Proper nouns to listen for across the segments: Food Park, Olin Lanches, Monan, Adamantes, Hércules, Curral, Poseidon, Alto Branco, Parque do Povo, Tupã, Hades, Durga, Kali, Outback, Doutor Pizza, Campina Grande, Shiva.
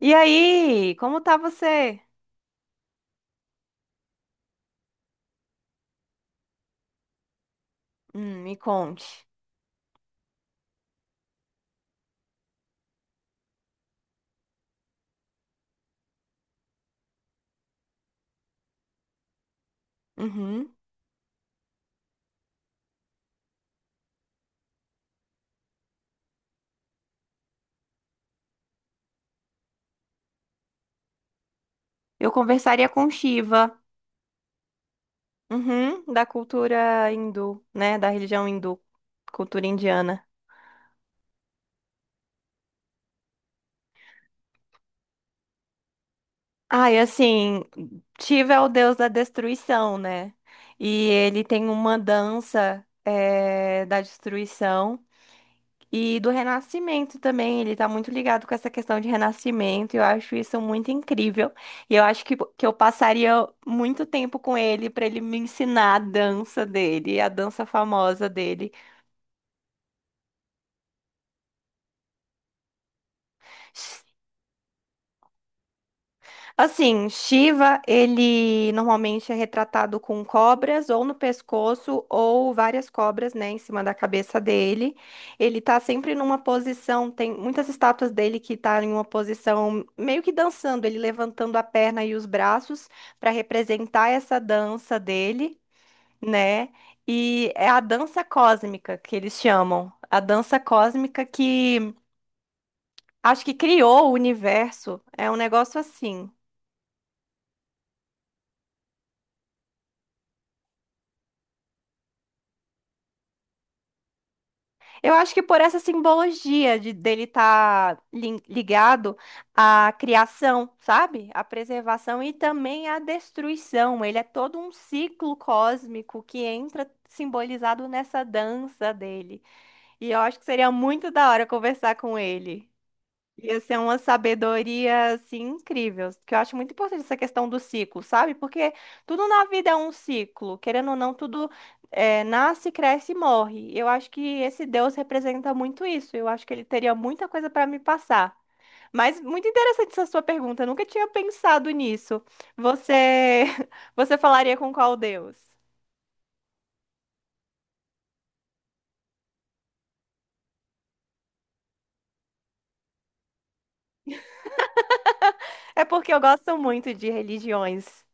E aí, como tá você? Me conte. Uhum. Eu conversaria com Shiva, uhum, da cultura hindu, né? Da religião hindu, cultura indiana. Ah, e assim, Shiva é o deus da destruição, né? E ele tem uma dança, da destruição. E do renascimento também, ele tá muito ligado com essa questão de renascimento, e eu acho isso muito incrível. E eu acho que eu passaria muito tempo com ele para ele me ensinar a dança dele, a dança famosa dele. Assim, Shiva, ele normalmente é retratado com cobras ou no pescoço ou várias cobras, né, em cima da cabeça dele. Ele tá sempre numa posição, tem muitas estátuas dele que tá em uma posição meio que dançando, ele levantando a perna e os braços para representar essa dança dele, né? E é a dança cósmica que eles chamam. A dança cósmica que acho que criou o universo. É um negócio assim. Eu acho que por essa simbologia de dele estar ligado à criação, sabe? À preservação e também à destruição. Ele é todo um ciclo cósmico que entra simbolizado nessa dança dele. E eu acho que seria muito da hora conversar com ele. Ia ser uma sabedoria, assim, incrível. Que eu acho muito importante essa questão do ciclo, sabe? Porque tudo na vida é um ciclo. Querendo ou não, tudo nasce, cresce e morre. Eu acho que esse Deus representa muito isso. Eu acho que ele teria muita coisa para me passar. Mas muito interessante essa sua pergunta. Eu nunca tinha pensado nisso. Você, você falaria com qual Deus? É porque eu gosto muito de religiões.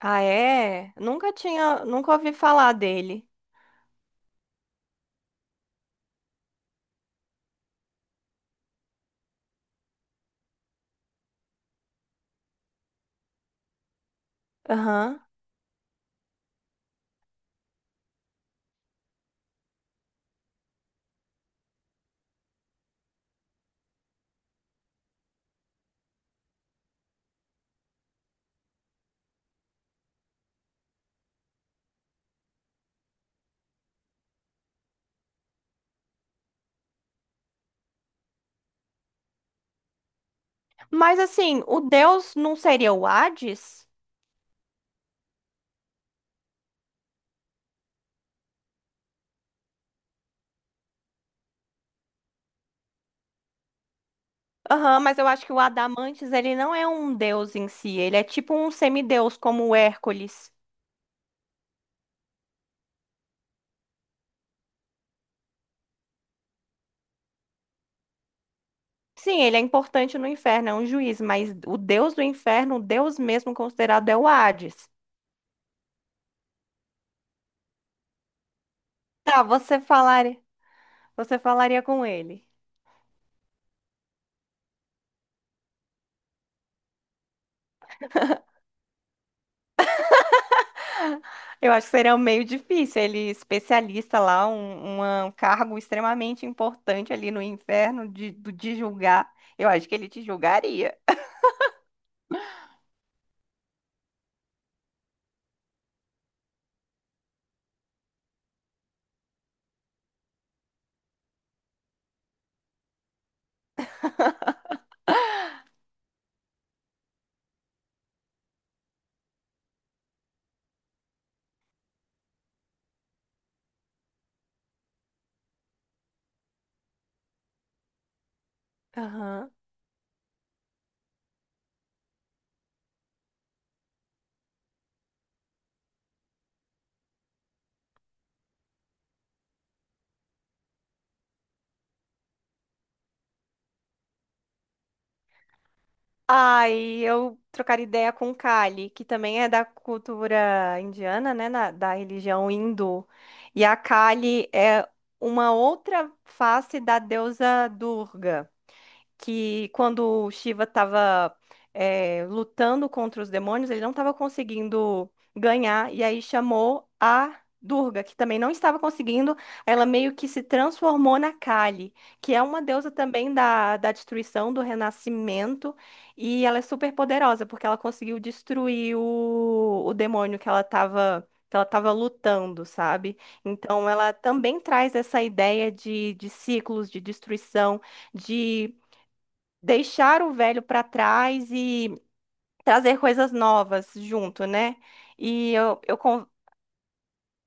Ah, é? Nunca tinha, nunca ouvi falar dele. Aham. Mas assim, o deus não seria o Hades? Aham, mas eu acho que o Adamantes, ele não é um deus em si, ele é tipo um semideus, como o Hércules. Sim, ele é importante no inferno, é um juiz, mas o deus do inferno, o deus mesmo considerado é o Hades. Tá, você falaria com ele. Eu acho que seria um meio difícil, ele especialista lá, um, uma- um cargo extremamente importante ali no inferno de, do- de julgar. Eu acho que ele te julgaria. Aham. Ai, eu trocar ideia com Kali, que também é da cultura indiana, né, na- da religião hindu. E a Kali é uma outra face da deusa Durga que quando o Shiva estava lutando contra os demônios, ele não estava conseguindo ganhar, e aí chamou a Durga, que também não estava conseguindo, ela meio que se transformou na Kali, que é uma deusa também da destruição, do renascimento, e ela é super poderosa, porque ela conseguiu destruir o demônio que ela estava. Que ela estava lutando, sabe? Então, ela também traz essa ideia de ciclos, de destruição, de deixar o velho para trás e trazer coisas novas junto, né? E eu, eu con-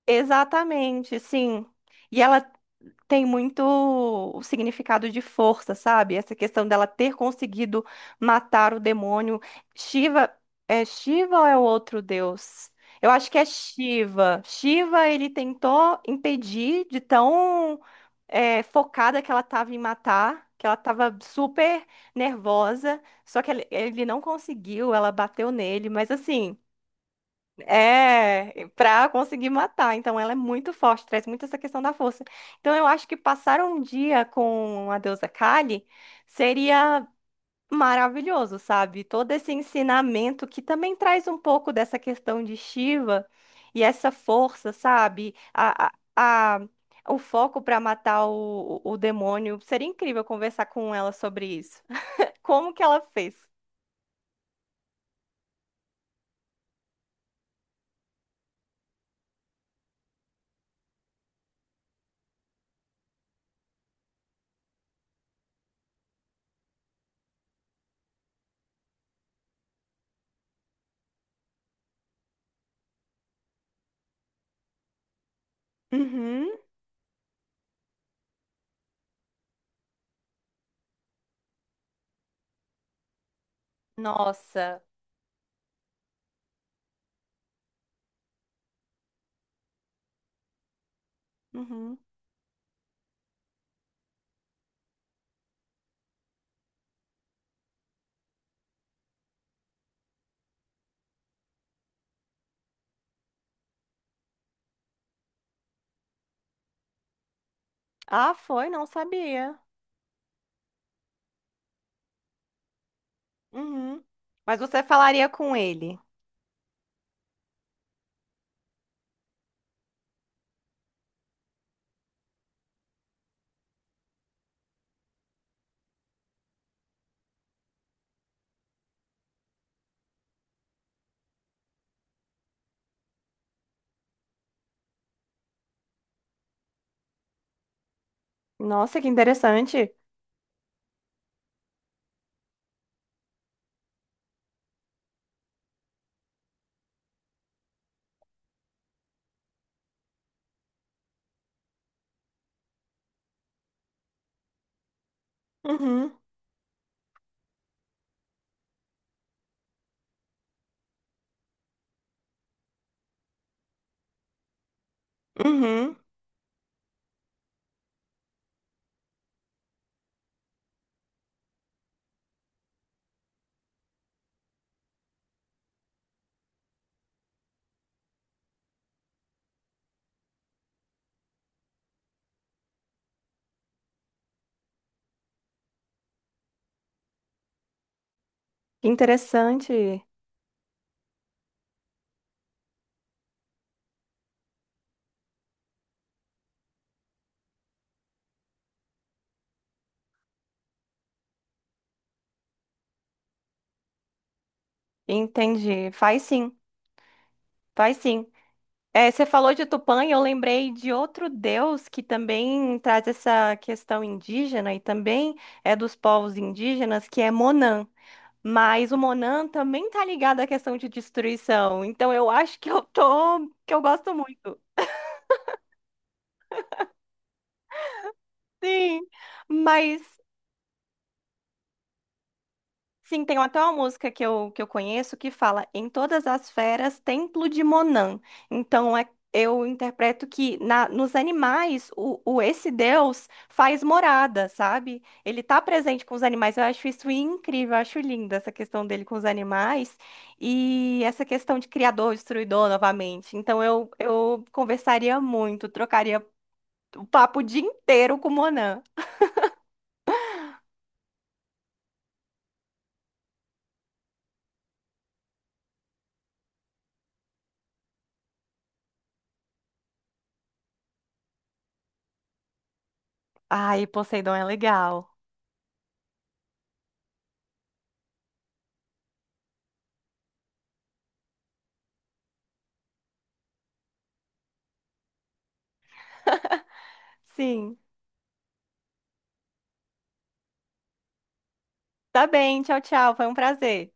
Exatamente, sim. E ela tem muito o significado de força, sabe? Essa questão dela ter conseguido matar o demônio. Shiva, é Shiva ou é o outro deus? Eu acho que é Shiva. Shiva, ele tentou impedir de tão focada que ela estava em matar, que ela estava super nervosa, só que ele não conseguiu, ela bateu nele, mas assim, é pra conseguir matar, então ela é muito forte, traz muito essa questão da força. Então eu acho que passar um dia com a deusa Kali seria maravilhoso, sabe? Todo esse ensinamento que também traz um pouco dessa questão de Shiva e essa força, sabe? A, a- o foco para matar o, o demônio. Seria incrível conversar com ela sobre isso. Como que ela fez? Uhum. Nossa. Uhum. Ah, foi? Não sabia. Uhum. Mas você falaria com ele. Nossa, que interessante. Uhum. Uhum, que interessante. Entendi. Faz sim, faz sim. É, você falou de Tupã e eu lembrei de outro deus que também traz essa questão indígena e também é dos povos indígenas, que é Monan. Mas o Monan também tá ligado à questão de destruição. Então eu acho que eu tô, que eu gosto muito. Sim, mas sim, tem até uma música que eu conheço que fala em todas as feras, templo de Monan. Então, é, eu interpreto que na, nos animais, o esse Deus faz morada, sabe? Ele tá presente com os animais. Eu acho isso incrível, eu acho linda essa questão dele com os animais e essa questão de criador, destruidor novamente. Então, eu conversaria muito, trocaria o papo o dia inteiro com Monan. Ai, Poseidon é legal. Sim. Tá bem, tchau, tchau. Foi um prazer.